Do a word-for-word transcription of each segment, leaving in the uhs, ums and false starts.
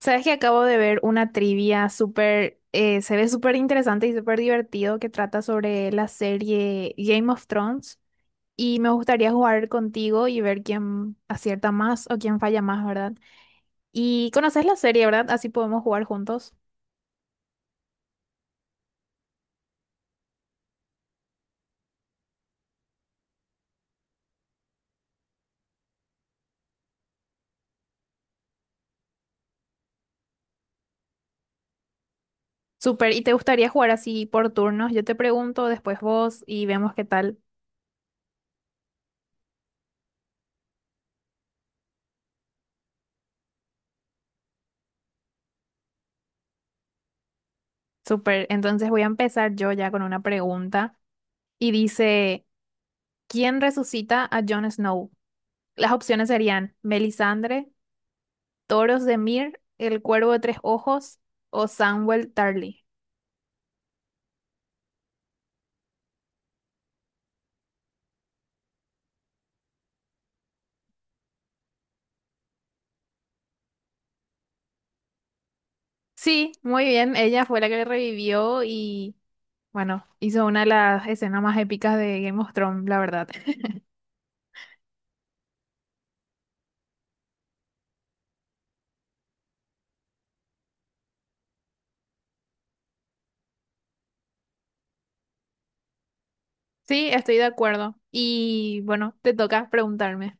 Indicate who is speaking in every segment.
Speaker 1: Sabes que acabo de ver una trivia súper, eh, se ve súper interesante y súper divertido que trata sobre la serie Game of Thrones y me gustaría jugar contigo y ver quién acierta más o quién falla más, ¿verdad? Y conoces la serie, ¿verdad? Así podemos jugar juntos. Súper, y te gustaría jugar así por turnos. Yo te pregunto, después vos y vemos qué tal. Súper, entonces voy a empezar yo ya con una pregunta y dice, ¿quién resucita a Jon Snow? Las opciones serían Melisandre, Toros de Mir, El Cuervo de Tres Ojos o Samuel Tarly. Sí, muy bien, ella fue la que le revivió y bueno, hizo una de las escenas más épicas de Game of Thrones, la verdad. Sí, estoy de acuerdo. Y bueno, te toca preguntarme.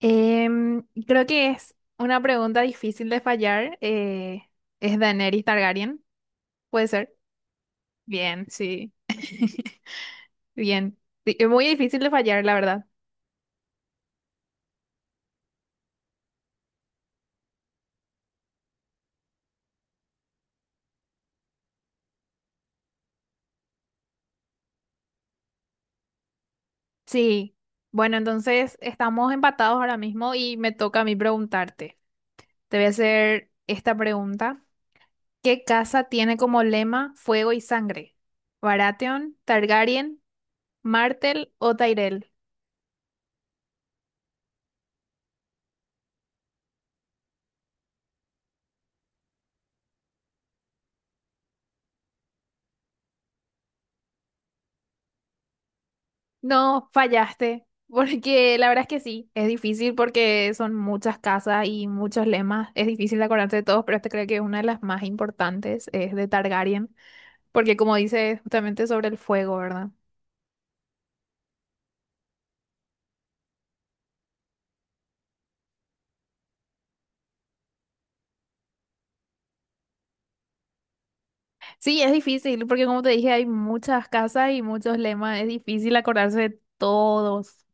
Speaker 1: Em, creo que es una pregunta difícil de fallar. Eh, ¿es Daenerys Targaryen? ¿Puede ser? Bien, sí. Bien. Sí, es muy difícil de fallar, la verdad. Sí, bueno, entonces estamos empatados ahora mismo y me toca a mí preguntarte. Te voy a hacer esta pregunta. ¿Qué casa tiene como lema fuego y sangre? ¿Baratheon, Targaryen, Martel o Tyrell? No, fallaste, porque la verdad es que sí, es difícil porque son muchas casas y muchos lemas. Es difícil de acordarse de todos, pero este creo que una de las más importantes es de Targaryen, porque como dice es justamente sobre el fuego, ¿verdad? Sí, es difícil, porque como te dije, hay muchas casas y muchos lemas, es difícil acordarse de todos.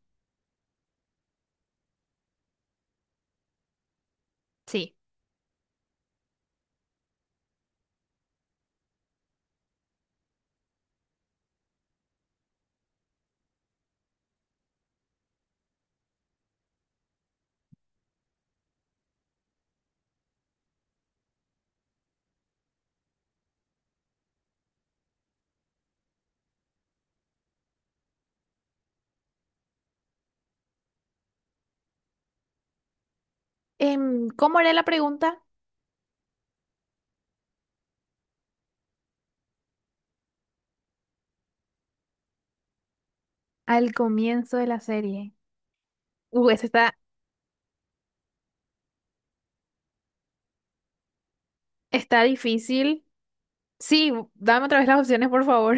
Speaker 1: Sí. Em, ¿cómo era la pregunta? Al comienzo de la serie. Uh, esa está, está difícil. Sí, dame otra vez las opciones, por favor.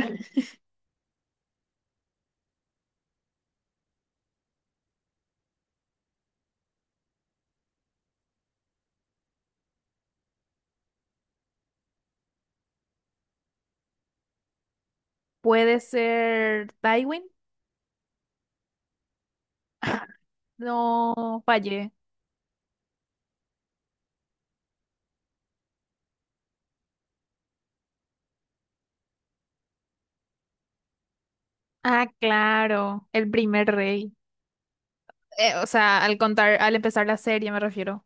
Speaker 1: Puede ser Tywin. No, fallé. Ah, claro, el primer rey. Eh, o sea, al contar, al empezar la serie, me refiero.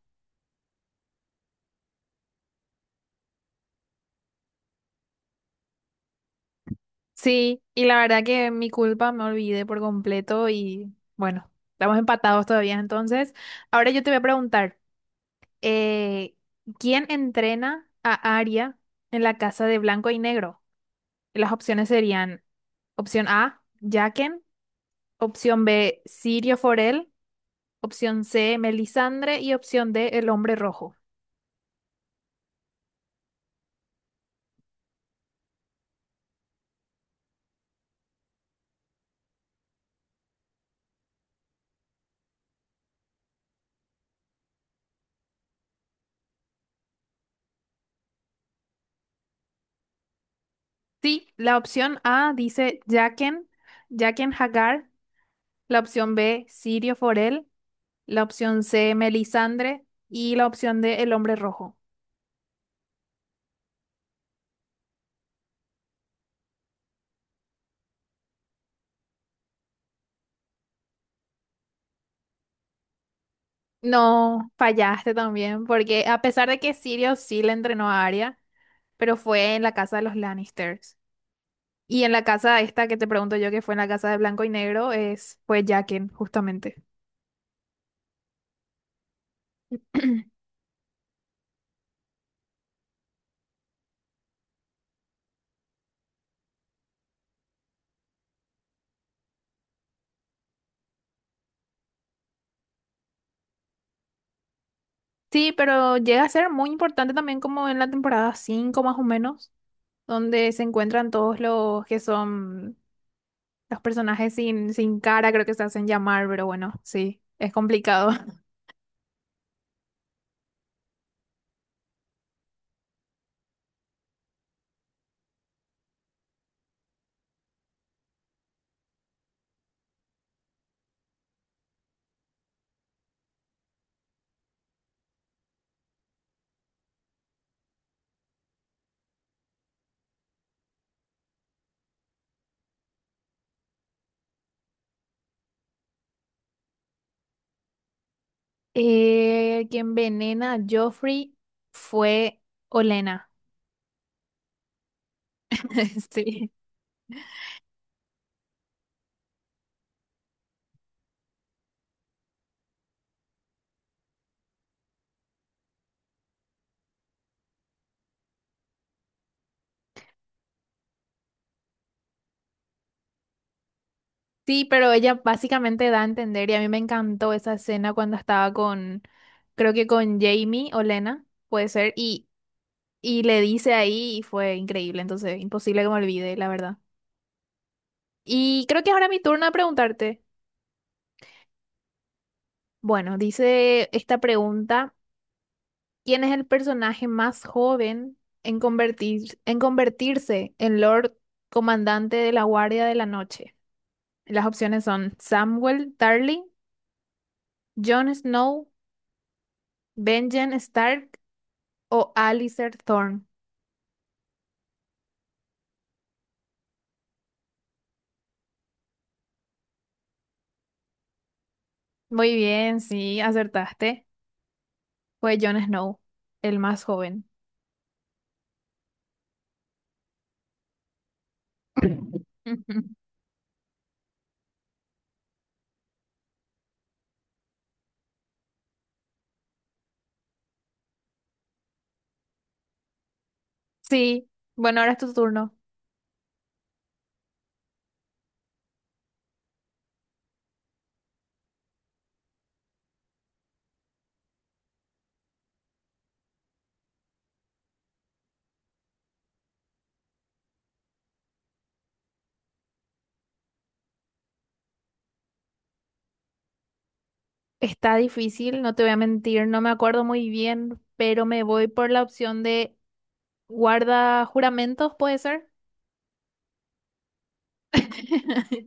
Speaker 1: Sí, y la verdad que mi culpa me olvidé por completo y bueno, estamos empatados todavía. Entonces, ahora yo te voy a preguntar, eh, ¿quién entrena a Arya en la casa de blanco y negro? Y las opciones serían opción A, Jaqen, opción B, Sirio Forel, opción C, Melisandre y opción D, el hombre rojo. Sí, la opción A dice Jaqen, Jaqen Hagar, la opción B, Sirio Forel, la opción C, Melisandre, y la opción D, el hombre rojo. No, fallaste también, porque a pesar de que Sirius sí le entrenó a Arya, pero fue en la casa de los Lannisters. Y en la casa esta que te pregunto yo, que fue en la casa de Blanco y Negro, es, fue Jaqen, justamente. Sí, pero llega a ser muy importante también como en la temporada cinco más o menos, donde se encuentran todos los que son los personajes sin, sin cara, creo que se hacen llamar, pero bueno, sí, es complicado. Eh, que envenena a Joffrey fue Olena. Sí. Sí, pero ella básicamente da a entender, y a mí me encantó esa escena cuando estaba con, creo que con Jamie Olena, puede ser, y, y le dice ahí y fue increíble, entonces imposible que me olvide, la verdad. Y creo que ahora mi turno de preguntarte. Bueno, dice esta pregunta. ¿Quién es el personaje más joven en convertir- en convertirse en Lord Comandante de la Guardia de la Noche? Las opciones son Samuel Tarly, Jon Snow, Benjen Stark o Alistair Thorne. Muy bien, sí, acertaste. Fue Jon Snow, el más joven. Ujú. Sí, bueno, ahora es tu turno. Está difícil, no te voy a mentir, no me acuerdo muy bien, pero me voy por la opción de guarda juramentos, ¿puede ser?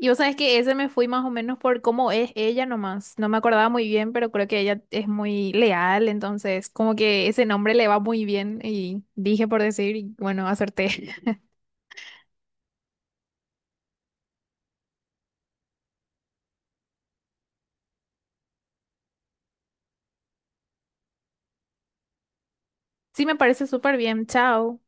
Speaker 1: Y vos sabés que ese me fui más o menos por cómo es ella nomás. No me acordaba muy bien, pero creo que ella es muy leal, entonces como que ese nombre le va muy bien y dije por decir, y bueno, acerté. Sí, me parece súper bien. Chao.